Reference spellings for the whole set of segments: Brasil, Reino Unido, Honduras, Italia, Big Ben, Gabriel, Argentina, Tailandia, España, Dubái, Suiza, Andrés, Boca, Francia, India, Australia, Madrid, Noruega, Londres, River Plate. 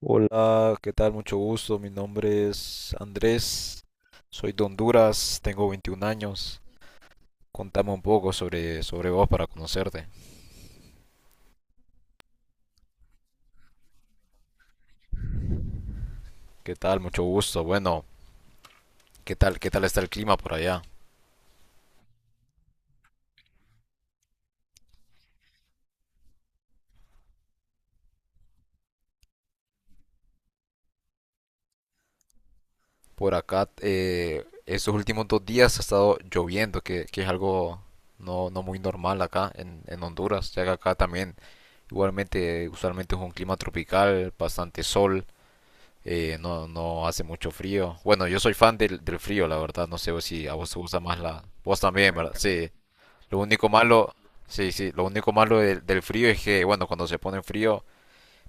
Hola, ¿qué tal? Mucho gusto. Mi nombre es Andrés. Soy de Honduras, tengo 21 años. Contame un poco sobre vos para conocerte. ¿Qué tal? Mucho gusto. Bueno, ¿qué tal? ¿Qué tal está el clima por allá? Por acá, estos últimos dos días ha estado lloviendo, que es algo no muy normal acá en Honduras, ya que acá también igualmente usualmente es un clima tropical, bastante sol, no hace mucho frío. Bueno, yo soy fan del frío, la verdad. No sé si a vos te gusta más la. Vos también, ¿verdad? Sí. Lo único malo. Sí, sí, lo único malo del frío es que, bueno, cuando se pone frío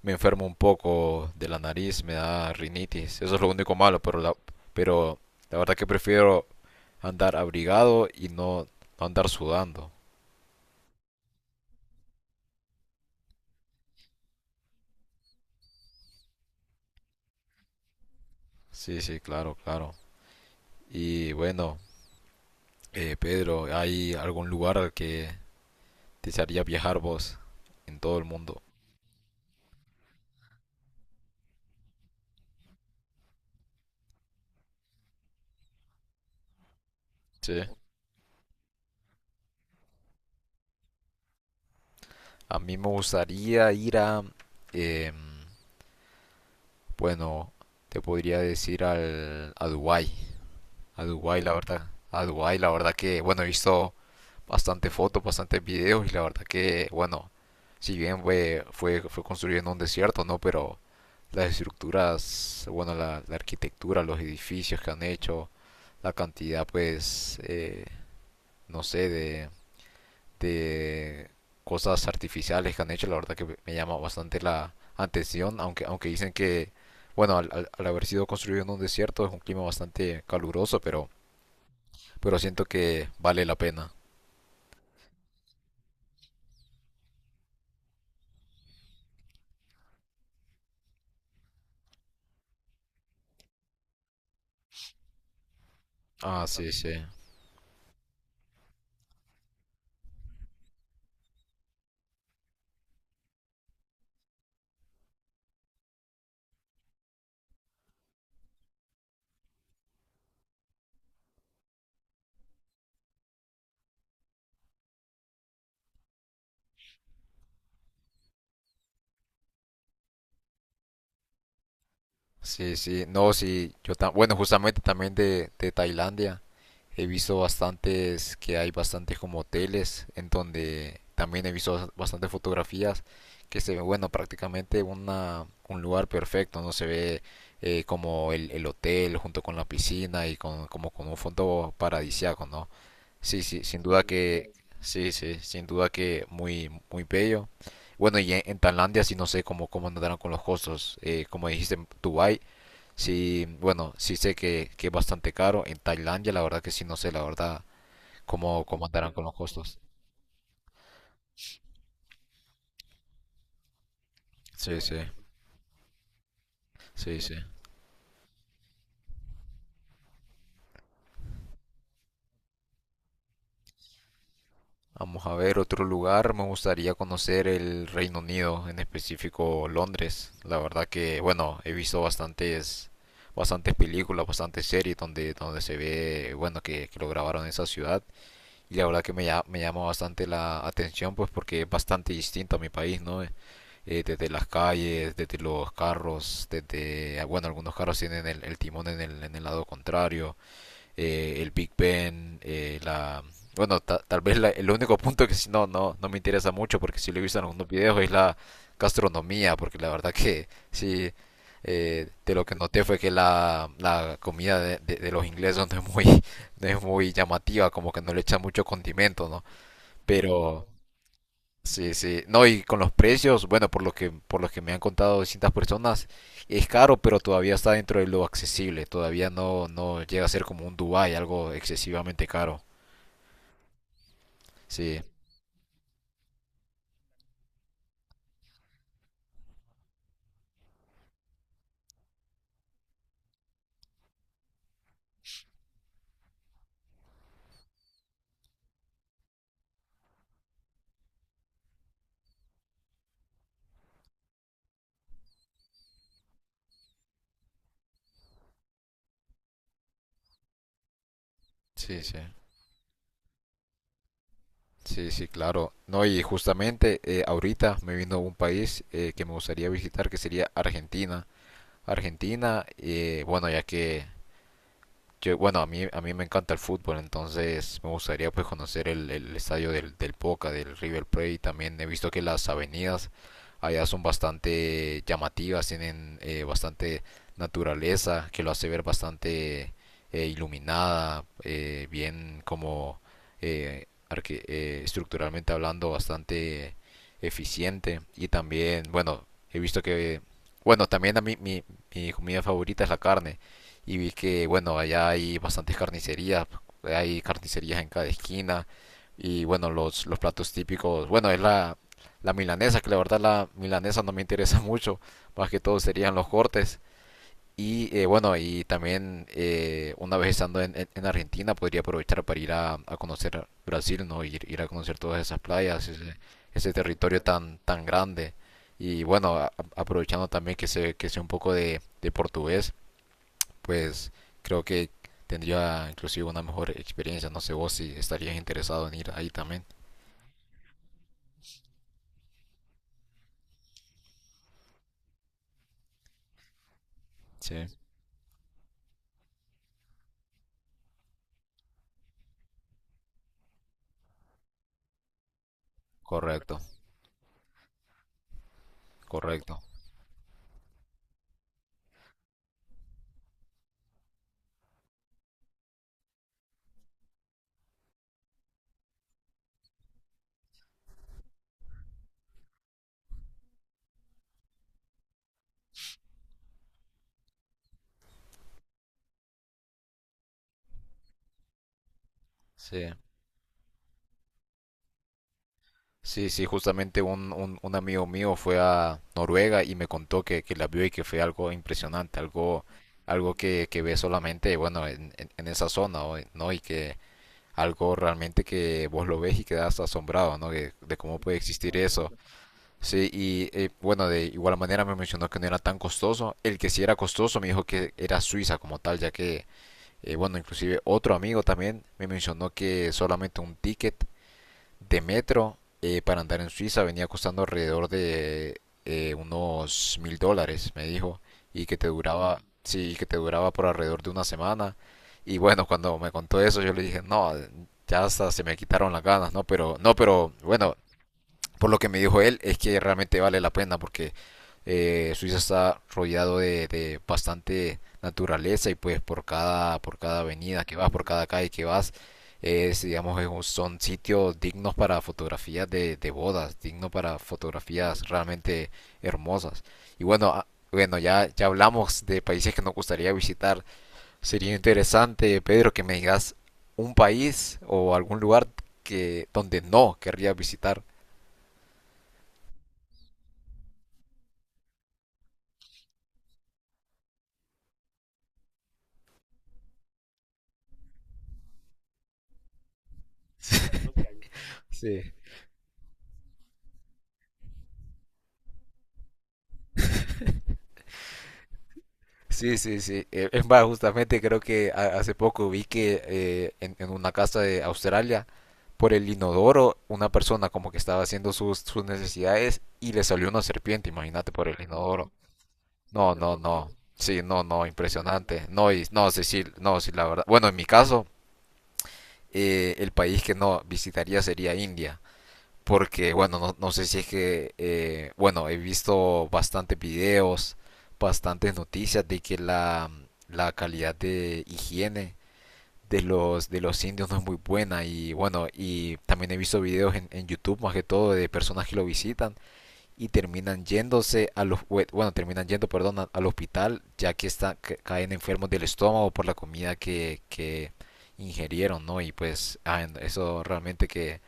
me enfermo un poco de la nariz, me da rinitis. Eso es lo único malo, pero la verdad que prefiero andar abrigado y no andar sudando. Sí, sí, claro, claro. Y bueno, Pedro, ¿hay algún lugar al que desearías viajar vos en todo el mundo? Sí. A mí me gustaría ir a, em, bueno, te podría decir a Dubái. A Dubái, la verdad. A Dubái, la verdad que, bueno, he visto bastante fotos, bastantes videos y la verdad que, bueno, si bien fue construido en un desierto, ¿no? Pero las estructuras, bueno, la arquitectura, los edificios que han hecho, la cantidad, pues, no sé, de cosas artificiales que han hecho, la verdad que me llama bastante la atención, aunque dicen que, bueno, al haber sido construido en un desierto es un clima bastante caluroso, pero siento que vale la pena. Ah, sí, sí. Sí, sí. No, sí, bueno, justamente también de Tailandia. He visto bastantes, que hay bastantes como hoteles en donde también he visto bastantes fotografías que se ve, bueno, prácticamente un lugar perfecto, ¿no? Se ve, como el hotel junto con la piscina y como con un fondo paradisiaco, ¿no? Sí, sí, sin duda que, sí, sí, sin duda que muy, muy bello. Bueno, y en Tailandia sí no sé cómo andarán con los costos. Como dijiste, en Dubái. Sí, bueno, sí sé que es bastante caro. En Tailandia, la verdad que sí, no sé, la verdad, cómo andarán con los costos. Sí, sí, sí, sí. Vamos a ver otro lugar. Me gustaría conocer el Reino Unido, en específico Londres. La verdad que, bueno, he visto bastantes películas, bastantes series donde se ve, bueno, que lo grabaron en esa ciudad. Y la verdad que me llama bastante la atención, pues porque es bastante distinto a mi país, ¿no? Desde las calles, desde los carros, desde, ah, bueno, algunos carros tienen el timón en el lado contrario, el Big Ben, la. Bueno, tal vez el único punto que sí no me interesa mucho, porque sí lo he visto en algunos videos, es la gastronomía, porque la verdad que sí, de lo que noté fue que la comida de los ingleses no es muy, llamativa, como que no le echan mucho condimento, ¿no? Pero. Sí, sí. No, y con los precios, bueno, por lo que me han contado distintas personas, es caro, pero todavía está dentro de lo accesible. Todavía no llega a ser como un Dubai, algo excesivamente caro. Sí, sí, sí. Sí, sí, claro. No, y justamente ahorita me vino un país que me gustaría visitar, que sería Argentina. Argentina, bueno, ya que. Yo, bueno, a mí me encanta el fútbol, entonces me gustaría pues conocer el estadio del Boca, del River Plate. También he visto que las avenidas allá son bastante llamativas, tienen bastante naturaleza, que lo hace ver bastante, iluminada, bien como, estructuralmente hablando bastante eficiente. Y también, bueno, he visto que, bueno, también a mí mi comida favorita es la carne y vi que, bueno, allá hay bastantes carnicerías, hay carnicerías en cada esquina y, bueno, los platos típicos, bueno, es la milanesa, que la verdad la milanesa no me interesa mucho, más que todo serían los cortes. Y bueno, y también una vez estando en Argentina podría aprovechar para ir a conocer Brasil, ¿no? Ir a conocer todas esas playas, ese territorio tan, tan grande. Y bueno, aprovechando también que sé un poco de portugués, pues creo que tendría inclusive una mejor experiencia. No sé vos si estarías interesado en ir ahí también. Sí, correcto, correcto. Sí. Sí, sí, justamente un amigo mío fue a Noruega y me contó que la vio y que fue algo impresionante, algo que ve solamente, bueno, en esa zona, ¿no? Y que algo realmente que vos lo ves y quedas asombrado, ¿no? De cómo puede existir eso. Sí, y bueno, de igual manera me mencionó que no era tan costoso. El que sí era costoso me dijo que era Suiza como tal, ya que, bueno, inclusive otro amigo también me mencionó que solamente un ticket de metro, para andar en Suiza venía costando alrededor de, unos 1.000 dólares, me dijo, y que te duraba, sí, y que te duraba por alrededor de una semana. Y bueno, cuando me contó eso, yo le dije, no, ya hasta se me quitaron las ganas, no, pero, no, pero bueno, por lo que me dijo él, es que realmente vale la pena porque Suiza está rodeado de bastante naturaleza y pues por cada avenida que vas, por cada calle que vas, digamos, son sitios dignos para fotografías de bodas, dignos para fotografías realmente hermosas. Y bueno, ah, bueno, ya hablamos de países que nos gustaría visitar. Sería interesante, Pedro, que me digas un país o algún lugar que donde no querría visitar. Sí, sí, sí, sí. Es más, justamente creo que hace poco vi que en una casa de Australia, por el inodoro, una persona como que estaba haciendo sus necesidades y le salió una serpiente, imagínate, por el inodoro. No, no, no. Sí, no, no, impresionante. No, y, no, Cecil, no, sí, la verdad. Bueno, en mi caso, el país que no visitaría sería India. Porque, bueno, no sé si es que, bueno, he visto bastantes videos, bastantes noticias de que la calidad de higiene de los indios no es muy buena. Y bueno, y también he visto videos en YouTube, más que todo, de personas que lo visitan y terminan yéndose a los, bue- bueno, terminan yendo, perdón, al hospital, ya que caen enfermos del estómago por la comida que ingerieron, ¿no? Y pues, ah, eso realmente que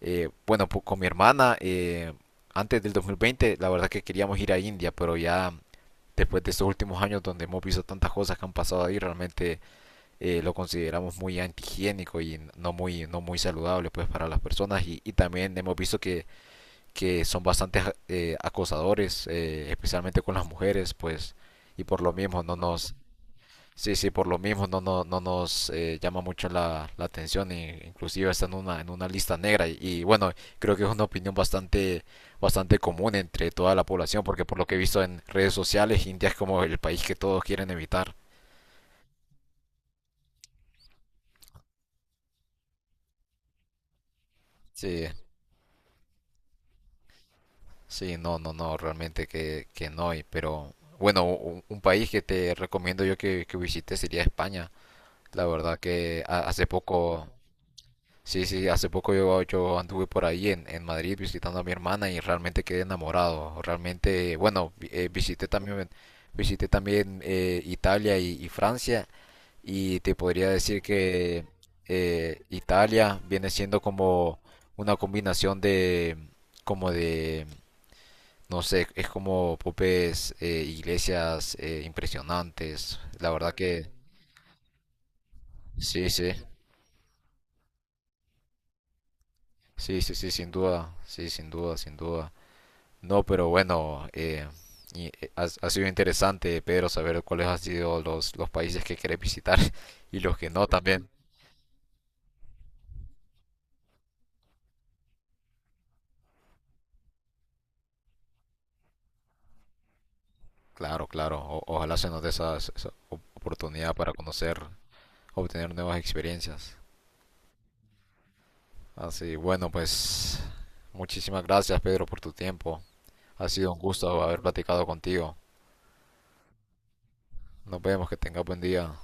bueno, pues con mi hermana, antes del 2020, la verdad que queríamos ir a India, pero ya después de estos últimos años donde hemos visto tantas cosas que han pasado ahí, realmente lo consideramos muy antihigiénico y no muy, saludable pues para las personas y, también hemos visto que son bastante, acosadores, especialmente con las mujeres, pues y por lo mismo no nos, sí, sí, por lo mismo no nos llama mucho la atención e inclusive está en en una lista negra y bueno, creo que es una opinión bastante común entre toda la población porque por lo que he visto en redes sociales, India es como el país que todos quieren evitar. Sí, sí, no, no, no, realmente que, no, pero bueno, un país que te recomiendo yo que visites sería España. La verdad que hace poco. Sí, sí, hace poco yo anduve por ahí en Madrid visitando a mi hermana y realmente quedé enamorado. Realmente, bueno, visité también Italia y Francia y te podría decir que Italia viene siendo como una combinación como de, no sé, es como popes, iglesias impresionantes. La verdad que sí, sí, sí, sí, sí, sin duda, sin duda. No, pero bueno, y ha sido interesante, Pedro, saber cuáles han sido los países que querés visitar y los que no también. Claro, claro. Ojalá se nos dé esa oportunidad para conocer, obtener nuevas experiencias. Así, bueno, pues muchísimas gracias, Pedro, por tu tiempo. Ha sido un gusto haber platicado contigo. Nos vemos, que tengas buen día.